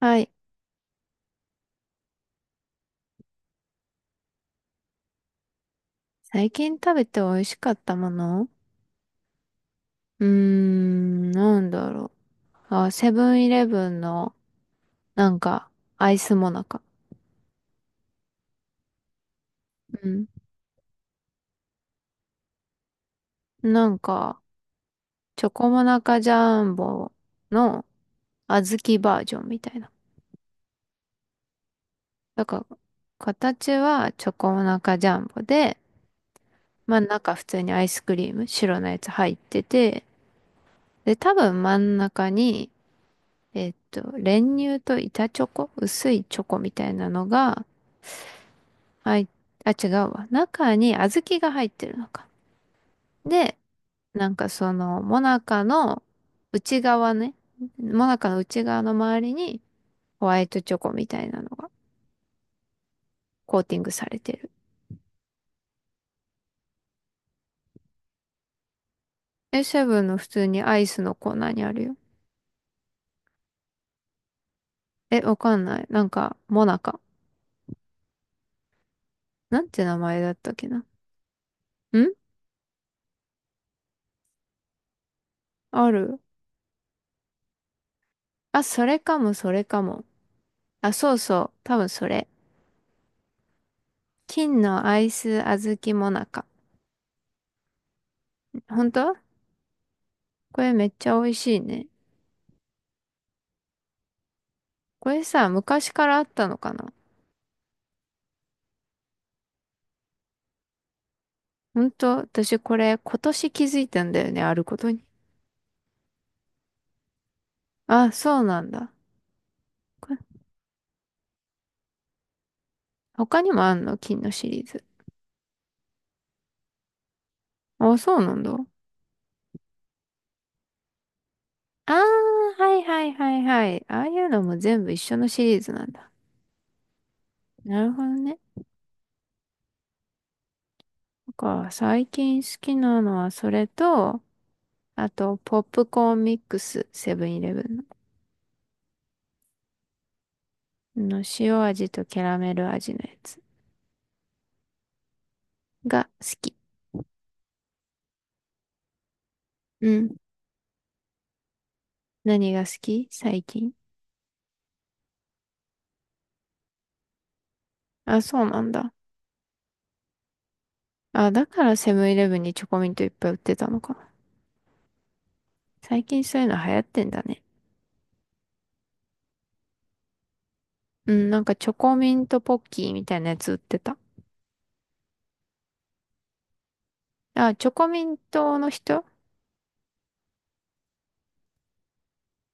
はい。最近食べて美味しかったもの、なんだろう。あ、セブンイレブンの、なんか、アイスモナカ。うん。なんか、チョコモナカジャンボの小豆バージョンみたいな。だから、形はチョコモナカジャンボで、まあ中普通にアイスクリーム、白のやつ入ってて、で、多分真ん中に、練乳と板チョコ、薄いチョコみたいなのが、はい。あ、違うわ。中に小豆が入ってるのか。で、なんかその、もなかの内側ね。もなかの内側の周りにホワイトチョコみたいなのがコーティングされてる。え、セブンの普通にアイスのコーナーにあるよ。え、わかんない。なんか、もなか。なんて名前だったっけな。んある。あ、それかも、それかも。あ、そうそう。多分それ。金のアイス小豆もなか。本当？これめっちゃ美味しいね。これさ、昔からあったのかな？ほんと、私これ今年気づいたんだよね、あることに。あ、そうなんだ。これ他にもあんの？金のシリーズ。あ、そうなんだ。あー、はいはいはいはい。ああいうのも全部一緒のシリーズなんだ。なるほどね。なん最近好きなのはそれと、あと、ポップコーンミックス、セブンイレブンの。あの塩味とキャラメル味のやつが好き。うん。何が好き最近？あ、そうなんだ。あ、だからセブンイレブンにチョコミントいっぱい売ってたのかな。最近そういうの流行ってんだね。うん、なんかチョコミントポッキーみたいなやつ売ってた。あ、チョコミントの人？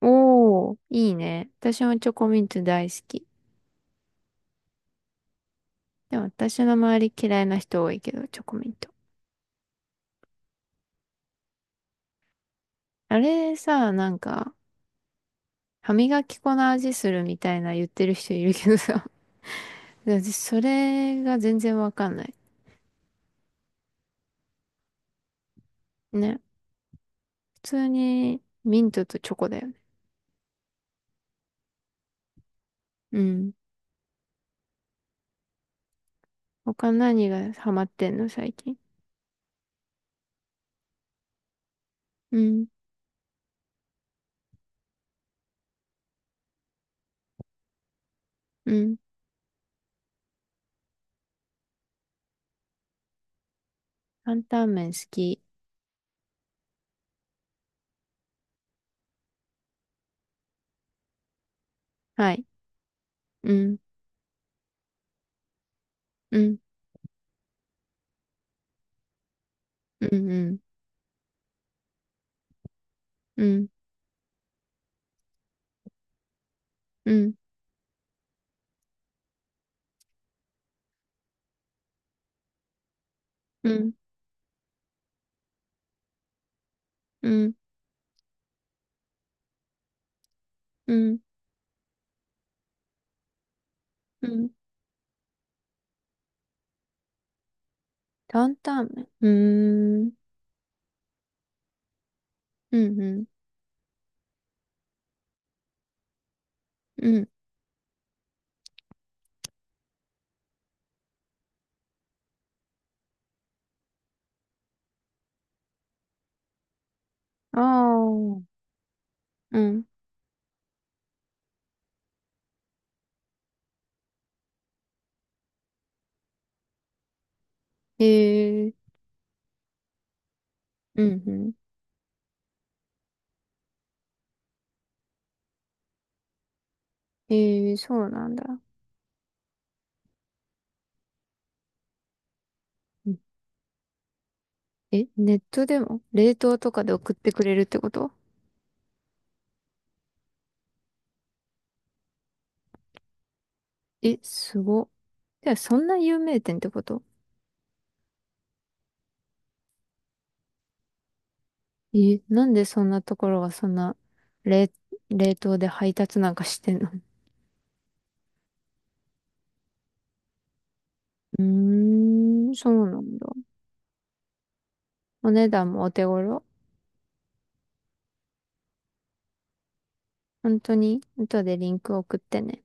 おー、いいね。私もチョコミント大好き。でも私の周り嫌いな人多いけど、チョコミント。あれさ、なんか、歯磨き粉の味するみたいな言ってる人いるけどさ。で私それが全然わかんない。ね。普通にミントとチョコだよね。うん。他何がハマってんの、最近？うん、うん。担々麺好き。はい。うん、うん、うん、うん、うん、うん、うん、うん、うん、うん。担々麺。うーん、うん、うん、うん。ああ、うん。へえ、うん、うん。へえ、そうなんだ。うん。え、ネットでも冷凍とかで送ってくれるってこと？え、すご。じゃあ、そんな有名店ってこと？え、なんでそんなところがそんな冷、冷凍で配達なんかしてんの？ うーん、そうなんだ。お値段もお手頃？本当に後でリンク送ってね。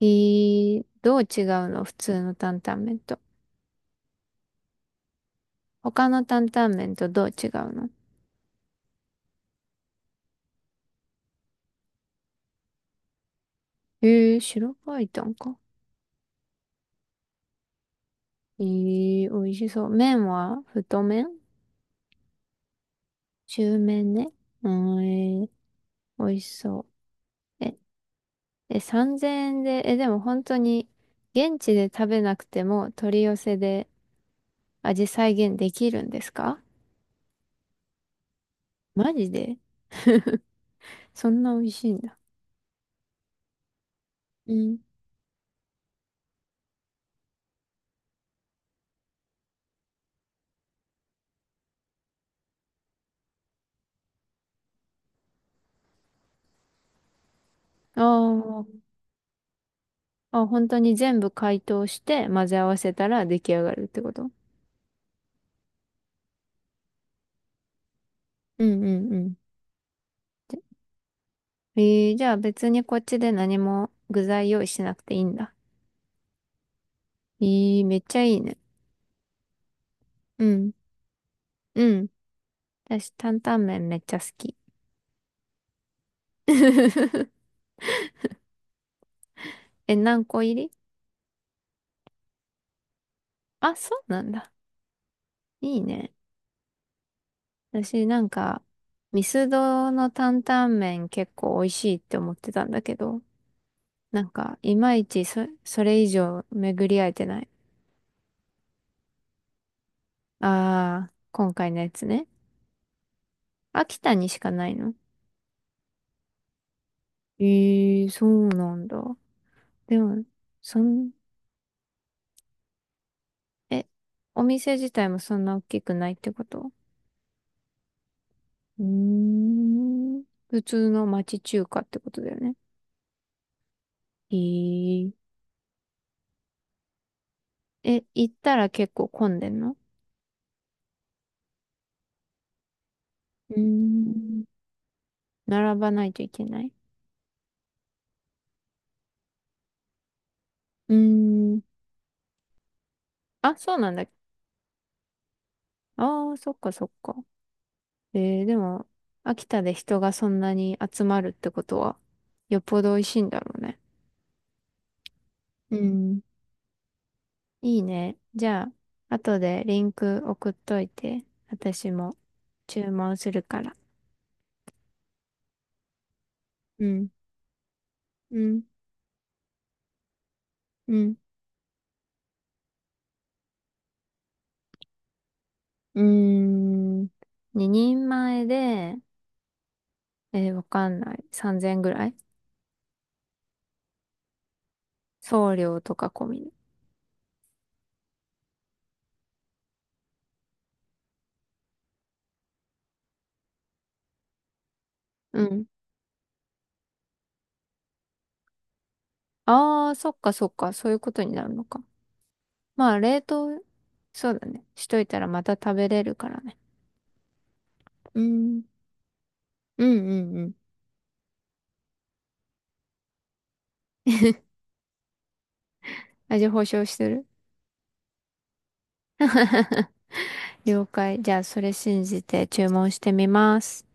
えー、どう違うの普通の担々麺と。他の担々麺とどう違うの？えー、白バイタンか。えー、美味しそう。麺は太麺？中麺ね。うーん、えー美味しそう。え。え、3000円で、え、でも本当に現地で食べなくても取り寄せで味再現できるんですか？マジで？そんな美味しいんだ。うん。あー。あ、本当に全部解凍して混ぜ合わせたら出来上がるってこと？うんうんうん。えー、じゃあ別にこっちで何も具材用意しなくていいんだ。えー、めっちゃいいね。うん。うん。私、担々麺めっちゃ好き。え、何個入り？あ、そうなんだ。いいね。私なんか、ミスドの担々麺結構美味しいって思ってたんだけど、なんか、いまいちそれ以上巡り合えてない。ああ、今回のやつね。秋田にしかないの？ええー、そうなんだ。でも、そん、え、お店自体もそんな大きくないってこと？うーん。普通の町中華ってことだよね。えー、え、行ったら結構混んでんの？うーん。並ばないといけない？うーん。あ、そうなんだ。ああ、そっかそっか。えー、でも、秋田で人がそんなに集まるってことは、よっぽど美味しいんだろうね。うん。いいね。じゃあ、後でリンク送っといて、私も注文するから。うん。うん。うん。うーん。2人前で、えー、わかんない。3000ぐらい？送料とか込みで。うん。ああ、そっかそっか。そういうことになるのか。まあ、冷凍、そうだね。しといたらまた食べれるからね。うん。うんうんうん。味保証してる？ 了解。じゃあ、それ信じて注文してみます。